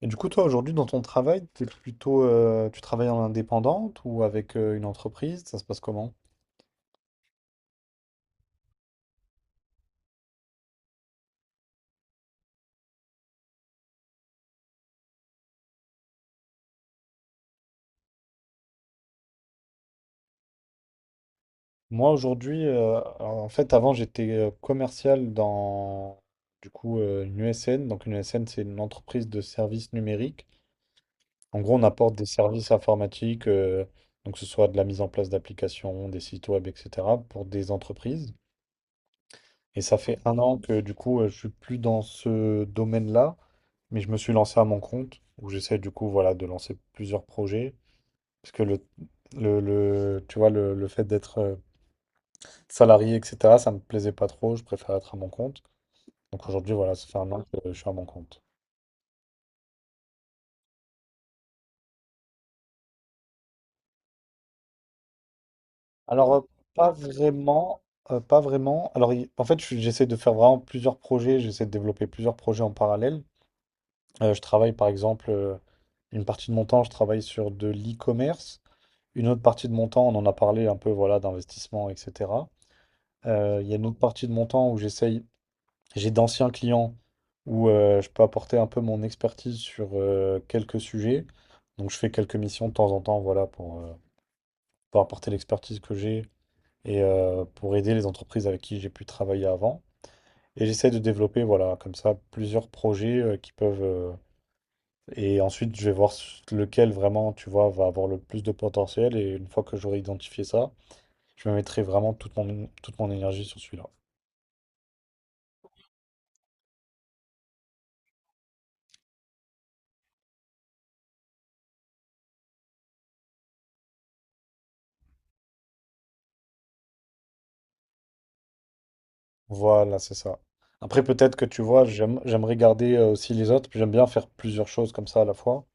Et du coup, toi, aujourd'hui, dans ton travail, t'es plutôt, tu travailles en indépendante ou avec une entreprise? Ça se passe comment? Moi, aujourd'hui, en fait, avant, j'étais commercial dans une ESN. Donc, une ESN, c'est une entreprise de services numériques. En gros, on apporte des services informatiques, donc que ce soit de la mise en place d'applications, des sites web, etc., pour des entreprises. Et ça fait un an que du coup, je suis plus dans ce domaine-là, mais je me suis lancé à mon compte, où j'essaie du coup, voilà, de lancer plusieurs projets. Parce que tu vois, le fait d'être salarié, etc., ça me plaisait pas trop, je préfère être à mon compte. Donc aujourd'hui, voilà, ça fait un an que je suis à mon compte. Alors, euh, Pas vraiment, pas vraiment. Alors, en fait, j'essaie de faire vraiment plusieurs projets, j'essaie de développer plusieurs projets en parallèle. Je travaille par exemple, une partie de mon temps, je travaille sur de l'e-commerce. Une autre partie de mon temps, on en a parlé un peu, voilà, d'investissement, etc. Il y a une autre partie de mon temps où j'essaye, j'ai d'anciens clients où je peux apporter un peu mon expertise sur quelques sujets. Donc je fais quelques missions de temps en temps, voilà, pour apporter l'expertise que j'ai et pour aider les entreprises avec qui j'ai pu travailler avant. Et j'essaie de développer, voilà, comme ça, plusieurs projets et ensuite, je vais voir lequel vraiment, tu vois, va avoir le plus de potentiel. Et une fois que j'aurai identifié ça, je me mettrai vraiment toute mon énergie sur celui-là. Voilà, c'est ça. Après, peut-être que tu vois, j'aime regarder aussi les autres, puis j'aime bien faire plusieurs choses comme ça à la fois.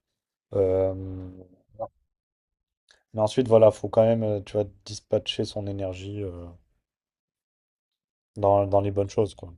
Euh, mais ensuite, voilà, faut quand même, tu vois, dispatcher son énergie dans les bonnes choses, quoi.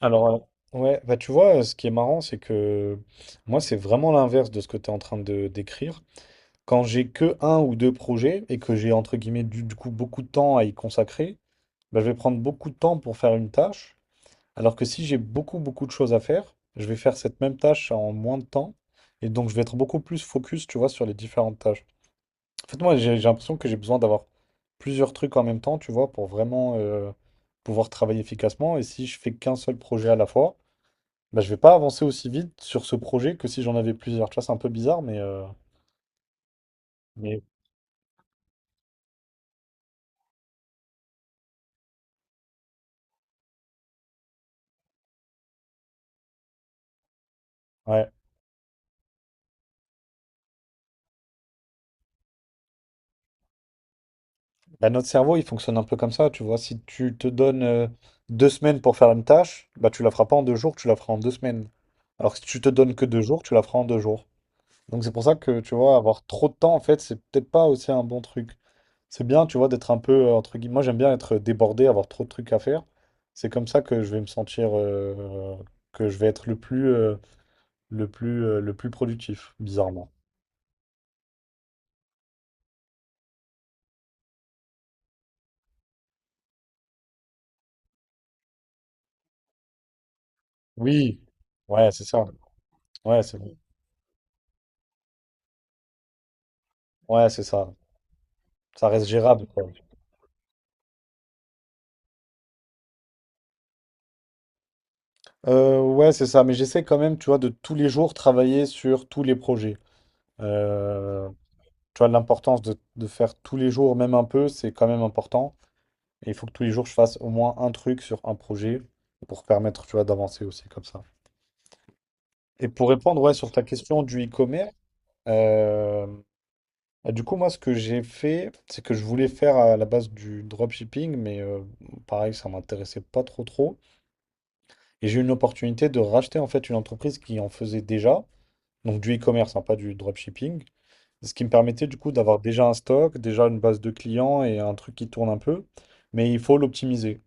Alors, ouais, Bah tu vois, ce qui est marrant, c'est que moi, c'est vraiment l'inverse de ce que tu es en train de décrire. Quand j'ai que un ou deux projets et que j'ai entre guillemets du coup beaucoup de temps à y consacrer, bah, je vais prendre beaucoup de temps pour faire une tâche, alors que si j'ai beaucoup beaucoup de choses à faire, je vais faire cette même tâche en moins de temps et donc je vais être beaucoup plus focus, tu vois, sur les différentes tâches. En fait, moi j'ai l'impression que j'ai besoin d'avoir plusieurs trucs en même temps, tu vois, pour vraiment pouvoir travailler efficacement et si je fais qu'un seul projet à la fois, bah, je vais pas avancer aussi vite sur ce projet que si j'en avais plusieurs. Tu vois, c'est un peu bizarre, mais, mais ouais. Bah, notre cerveau, il fonctionne un peu comme ça, tu vois. Si tu te donnes deux semaines pour faire une tâche, bah, tu la feras pas en deux jours, tu la feras en deux semaines. Alors que si tu te donnes que deux jours, tu la feras en deux jours. Donc c'est pour ça que, tu vois, avoir trop de temps, en fait, c'est peut-être pas aussi un bon truc. C'est bien, tu vois, d'être un peu, entre guillemets, moi j'aime bien être débordé, avoir trop de trucs à faire. C'est comme ça que je vais me sentir, que je vais être le plus, le plus productif, bizarrement. Oui, ouais, c'est ça. Ouais, c'est bon. Ouais, c'est ça. Ça reste gérable, quoi. Ouais, c'est ça, mais j'essaie quand même, tu vois, de tous les jours travailler sur tous les projets. Euh, Tu vois, l'importance de faire tous les jours, même un peu, c'est quand même important. Et il faut que tous les jours, je fasse au moins un truc sur un projet pour permettre, tu vois, d'avancer aussi comme ça. Et pour répondre, ouais, sur ta question du e-commerce, euh, du coup, moi, ce que j'ai fait, c'est que je voulais faire à la base du dropshipping, mais pareil, ça m'intéressait pas trop trop. Et j'ai eu une opportunité de racheter, en fait, une entreprise qui en faisait déjà. Donc du e-commerce, hein, pas du dropshipping. Ce qui me permettait du coup d'avoir déjà un stock, déjà une base de clients et un truc qui tourne un peu, mais il faut l'optimiser.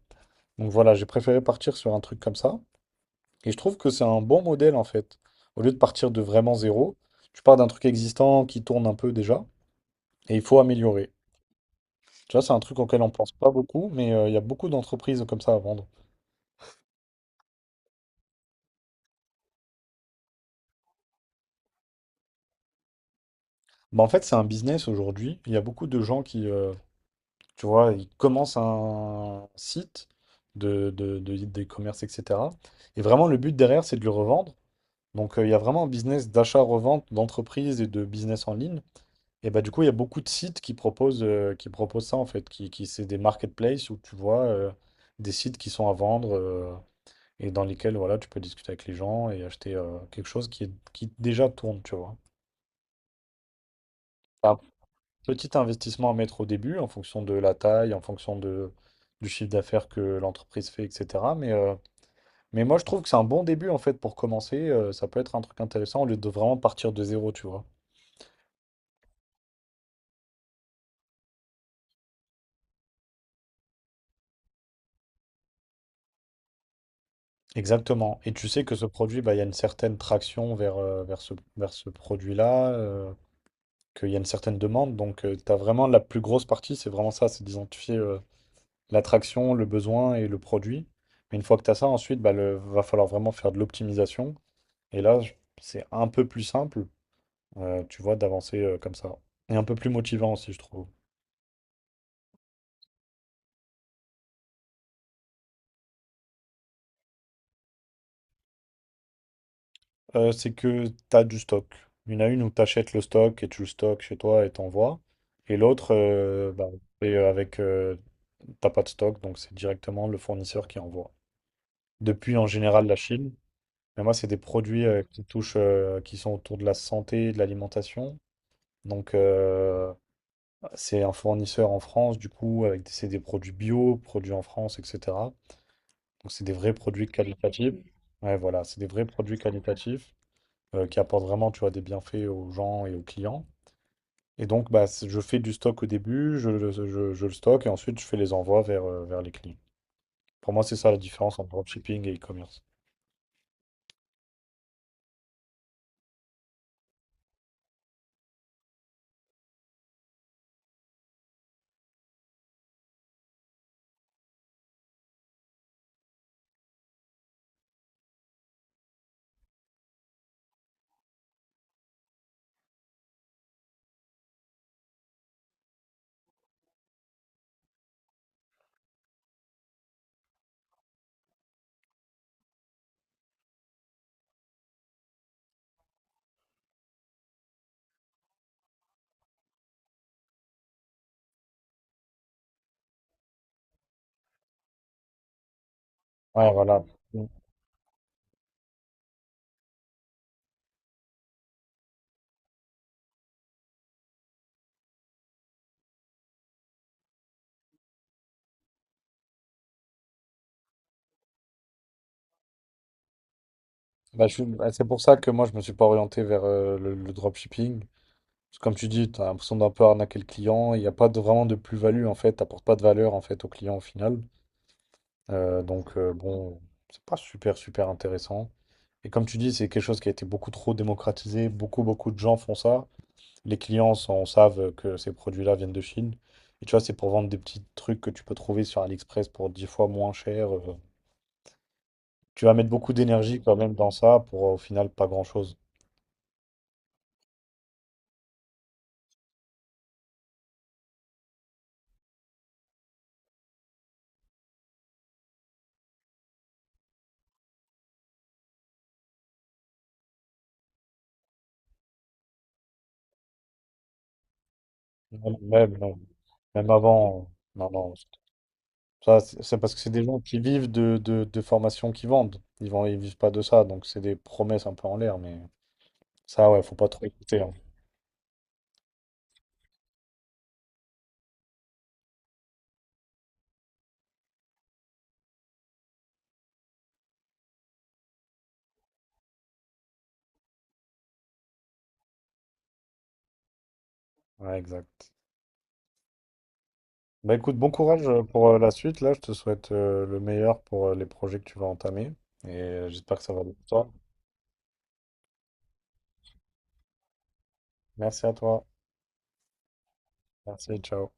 Donc voilà, j'ai préféré partir sur un truc comme ça. Et je trouve que c'est un bon modèle en fait. Au lieu de partir de vraiment zéro, tu pars d'un truc existant qui tourne un peu déjà et il faut améliorer. Tu vois, c'est un truc auquel on pense pas beaucoup, mais il y a beaucoup d'entreprises comme ça à vendre. Bah, en fait, c'est un business aujourd'hui. Il y a beaucoup de gens qui tu vois, ils commencent un site d'e-commerce, etc. Et vraiment, le but derrière, c'est de le revendre. Donc, il y a vraiment un business d'achat-revente d'entreprises et de business en ligne. Et bah, du coup, il y a beaucoup de sites qui proposent ça, en fait, qui c'est des marketplaces où tu vois des sites qui sont à vendre et dans lesquels, voilà, tu peux discuter avec les gens et acheter quelque chose qui déjà tourne, tu vois. Petit investissement à mettre au début en fonction de la taille, du chiffre d'affaires que l'entreprise fait, etc. Mais moi, je trouve que c'est un bon début en fait pour commencer. Ça peut être un truc intéressant au lieu de vraiment partir de zéro, tu vois. Exactement. Et tu sais que ce produit, bah, il y a une certaine traction vers ce produit-là, qu'il y a une certaine demande. Donc, tu as vraiment la plus grosse partie, c'est vraiment ça, c'est d'identifier l'attraction, le besoin et le produit. Mais une fois que tu as ça, ensuite, bah, va falloir vraiment faire de l'optimisation. Et c'est un peu plus simple, tu vois, d'avancer comme ça. Et un peu plus motivant aussi, je trouve. C'est que tu as du stock. Il y en a une où tu achètes le stock et tu le stockes chez toi et t'envoies. Et l'autre, c'est avec, t'as pas de stock, donc c'est directement le fournisseur qui envoie. Depuis en général la Chine, mais moi c'est des produits qui sont autour de la santé, et de l'alimentation. Donc c'est un fournisseur en France, du coup, avec c'est des produits bio, produits en France, etc. Donc c'est des vrais produits qualitatifs. Ouais, voilà, c'est des vrais produits qualitatifs qui apportent vraiment, tu vois, des bienfaits aux gens et aux clients. Et donc, bah, je fais du stock au début, je le stocke et ensuite je fais les envois vers, vers les clients. Pour moi, c'est ça la différence entre dropshipping et e-commerce. Ouais, voilà. Mm. Bah, c'est pour ça que moi, je me suis pas orienté vers le dropshipping. Parce que comme tu dis, tu as l'impression d'un peu arnaquer le client. Il n'y a pas de, vraiment de plus-value, en fait. Tu n'apportes pas de valeur, en fait, au client au final. Bon, c'est pas super, super intéressant. Et comme tu dis, c'est quelque chose qui a été beaucoup trop démocratisé. Beaucoup, beaucoup de gens font ça. Les clients s'en savent que ces produits-là viennent de Chine. Et tu vois, c'est pour vendre des petits trucs que tu peux trouver sur AliExpress pour 10 fois moins cher. Tu vas mettre beaucoup d'énergie quand même dans ça pour au final pas grand-chose. Même, même, non. Même avant. Non, non. Ça, c'est parce que c'est des gens qui vivent de formations qui vendent. Ils vivent pas de ça. Donc c'est des promesses un peu en l'air. Mais ça, ouais, faut pas trop écouter, hein. Ouais, exact. Bah écoute, bon courage pour la suite. Là, je te souhaite le meilleur pour les projets que tu vas entamer. Et j'espère que ça va bien pour toi. Merci à toi. Merci, ciao.